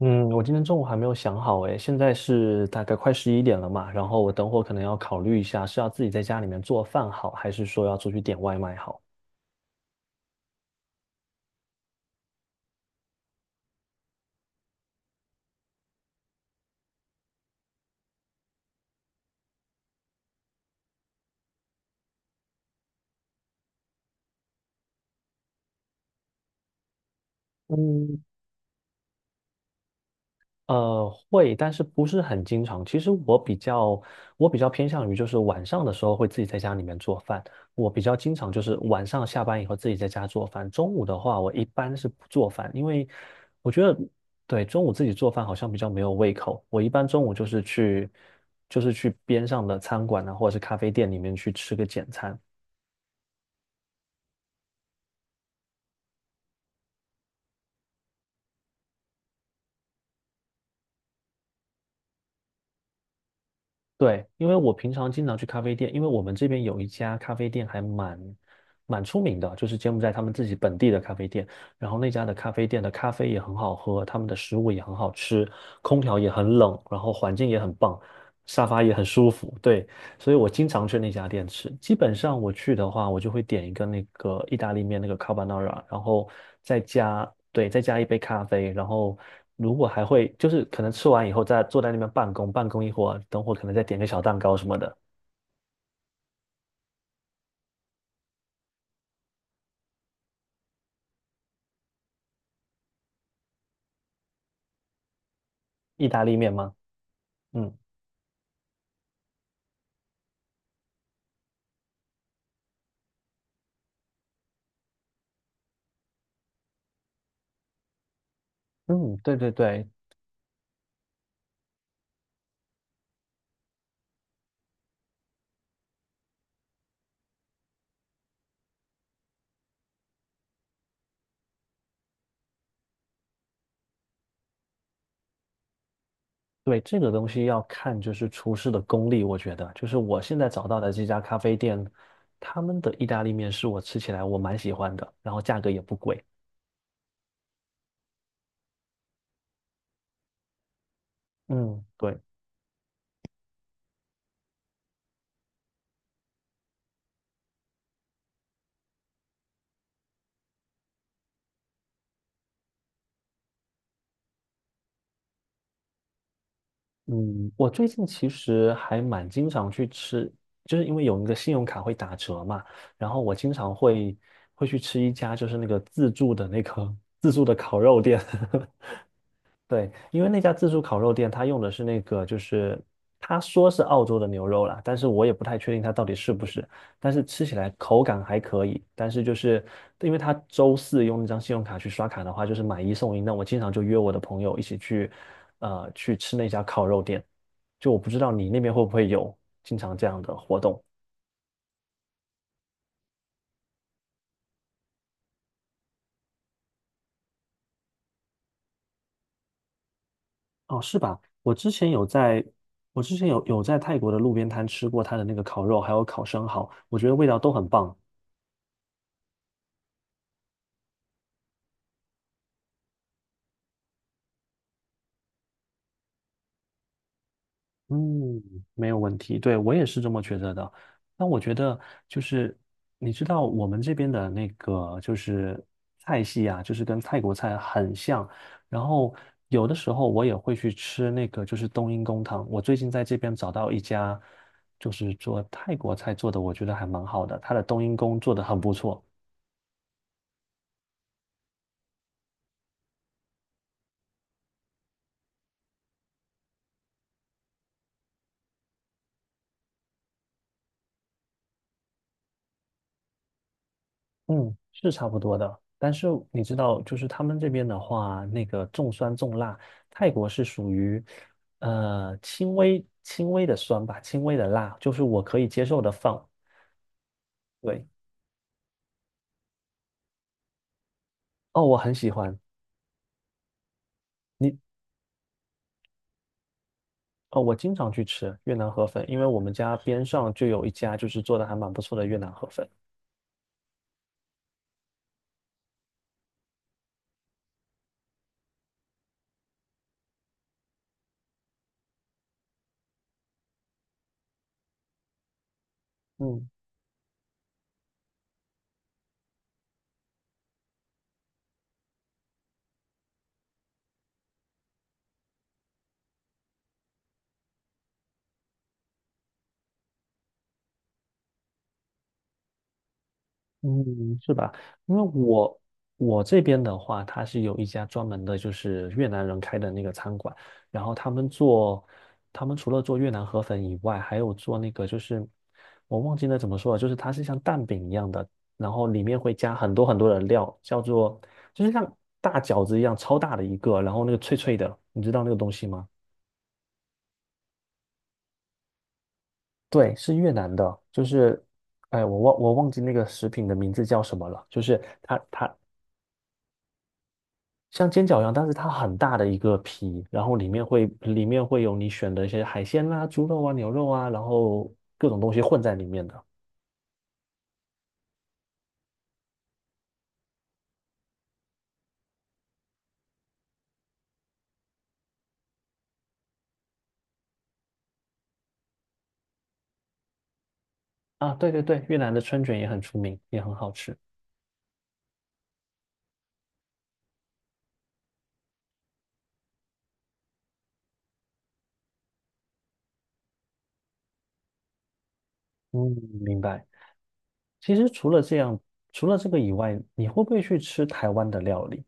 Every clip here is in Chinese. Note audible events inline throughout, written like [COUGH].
嗯，我今天中午还没有想好诶，现在是大概快11点了嘛，然后我等会儿可能要考虑一下，是要自己在家里面做饭好，还是说要出去点外卖好？会，但是不是很经常。其实我比较偏向于就是晚上的时候会自己在家里面做饭。我比较经常就是晚上下班以后自己在家做饭。中午的话，我一般是不做饭，因为我觉得对中午自己做饭好像比较没有胃口。我一般中午就是去边上的餐馆啊，或者是咖啡店里面去吃个简餐。对，因为我平常经常去咖啡店，因为我们这边有一家咖啡店还蛮出名的，就是柬埔寨他们自己本地的咖啡店。然后那家的咖啡店的咖啡也很好喝，他们的食物也很好吃，空调也很冷，然后环境也很棒，沙发也很舒服。对，所以我经常去那家店吃。基本上我去的话，我就会点一个那个意大利面那个 carbonara，然后再加，对，再加一杯咖啡，然后如果还会就是可能吃完以后再坐在那边办公一会儿，等会儿可能再点个小蛋糕什么的。意大利面吗？嗯嗯，对对对。对，这个东西要看就是厨师的功力，我觉得就是我现在找到的这家咖啡店，他们的意大利面是我吃起来我蛮喜欢的，然后价格也不贵。嗯，对。嗯，我最近其实还蛮经常去吃，就是因为有那个信用卡会打折嘛，然后我经常会去吃一家就是那个自助的那个 [LAUGHS] 自助的烤肉店，[LAUGHS] 对，因为那家自助烤肉店，他用的是那个，就是他说是澳洲的牛肉啦，但是我也不太确定它到底是不是。但是吃起来口感还可以，但是就是因为他周四用那张信用卡去刷卡的话，就是买一送一。那我经常就约我的朋友一起去，去吃那家烤肉店。就我不知道你那边会不会有经常这样的活动哦，是吧？我之前有在泰国的路边摊吃过他的那个烤肉，还有烤生蚝，我觉得味道都很棒。嗯，没有问题，对，我也是这么觉得的。那我觉得就是，你知道我们这边的那个就是菜系啊，就是跟泰国菜很像。然后有的时候我也会去吃那个就是冬阴功汤。我最近在这边找到一家就是做泰国菜做的，我觉得还蛮好的，它的冬阴功做的很不错。嗯，是差不多的。但是你知道，就是他们这边的话，那个重酸重辣，泰国是属于轻微的酸吧，轻微的辣，就是我可以接受的范围。对，哦，我很喜欢你哦，我经常去吃越南河粉，因为我们家边上就有一家就是做的还蛮不错的越南河粉。嗯。嗯，是吧？因为我这边的话，它是有一家专门的，就是越南人开的那个餐馆，然后他们除了做越南河粉以外，还有做那个就是我忘记了怎么说了，就是它是像蛋饼一样的，然后里面会加很多很多的料，叫做就是像大饺子一样超大的一个，然后那个脆脆的，你知道那个东西吗？对，是越南的，就是，哎，我忘记那个食品的名字叫什么了，就是它像煎饺一样，但是它很大的一个皮，然后里面会有你选的一些海鲜啦、猪肉啊、牛肉啊，然后各种东西混在里面的。啊，对对对，越南的春卷也很出名，也很好吃。嗯，明白。其实除了这样，除了这个以外，你会不会去吃台湾的料理？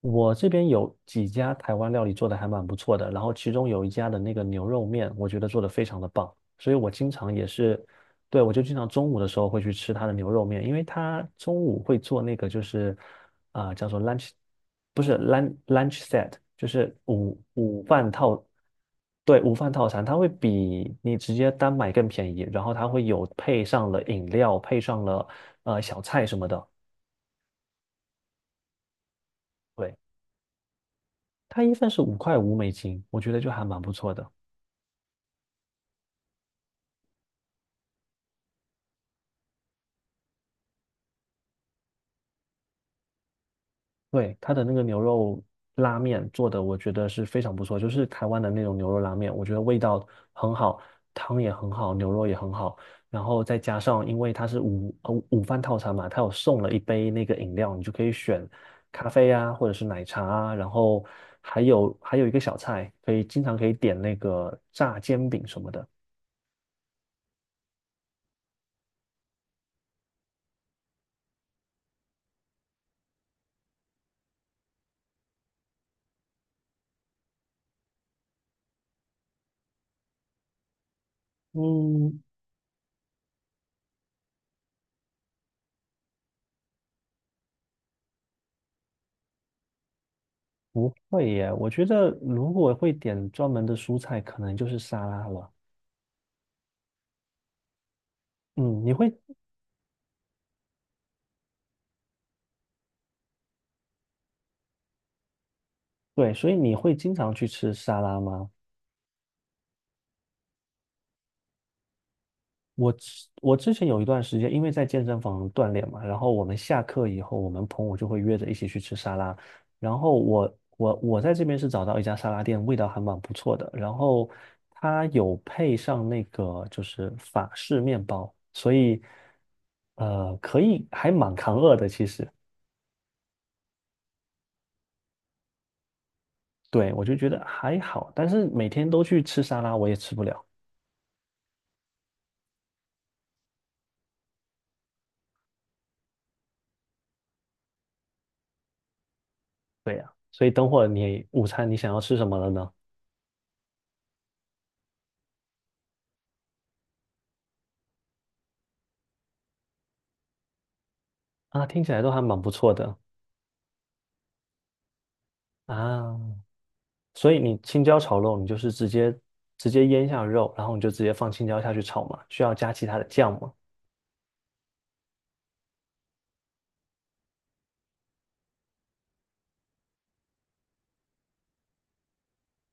我这边有几家台湾料理做的还蛮不错的，然后其中有一家的那个牛肉面，我觉得做的非常的棒，所以我经常也是，对，我就经常中午的时候会去吃他的牛肉面，因为他中午会做那个就是叫做 lunch，不是 lunch set，就是午饭套，对，午饭套餐，它会比你直接单买更便宜，然后它会有配上了饮料，配上了小菜什么的。对。它一份是5.5美金，我觉得就还蛮不错的。对，它的那个牛肉拉面做的，我觉得是非常不错，就是台湾的那种牛肉拉面，我觉得味道很好，汤也很好，牛肉也很好，然后再加上因为它是午饭套餐嘛，它有送了一杯那个饮料，你就可以选咖啡啊，或者是奶茶啊，然后还有一个小菜，可以经常可以点那个炸煎饼什么的。嗯，不会耶，我觉得如果会点专门的蔬菜，可能就是沙拉了。嗯，你会，对，所以你会经常去吃沙拉吗？我之前有一段时间，因为在健身房锻炼嘛，然后我们下课以后，我们朋友就会约着一起去吃沙拉。然后我在这边是找到一家沙拉店，味道还蛮不错的。然后它有配上那个就是法式面包，所以可以还蛮扛饿的其实。对，我就觉得还好，但是每天都去吃沙拉，我也吃不了。对呀、所以等会儿你午餐你想要吃什么了呢？啊，听起来都还蛮不错的啊。所以你青椒炒肉，你就是直接腌下肉，然后你就直接放青椒下去炒嘛，需要加其他的酱吗？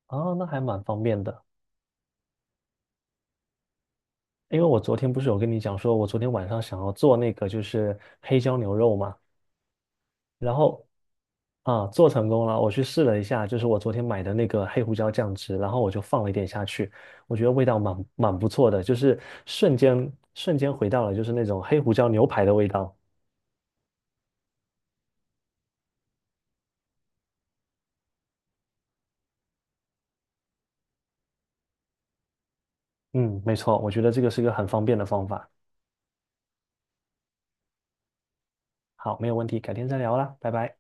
啊，那还蛮方便的。因为我昨天不是有跟你讲说，我昨天晚上想要做那个就是黑椒牛肉嘛，然后啊，做成功了，我去试了一下，就是我昨天买的那个黑胡椒酱汁，然后我就放了一点下去，我觉得味道蛮不错的，就是瞬间回到了就是那种黑胡椒牛排的味道。嗯，没错，我觉得这个是个很方便的方法。好，没有问题，改天再聊啦，拜拜。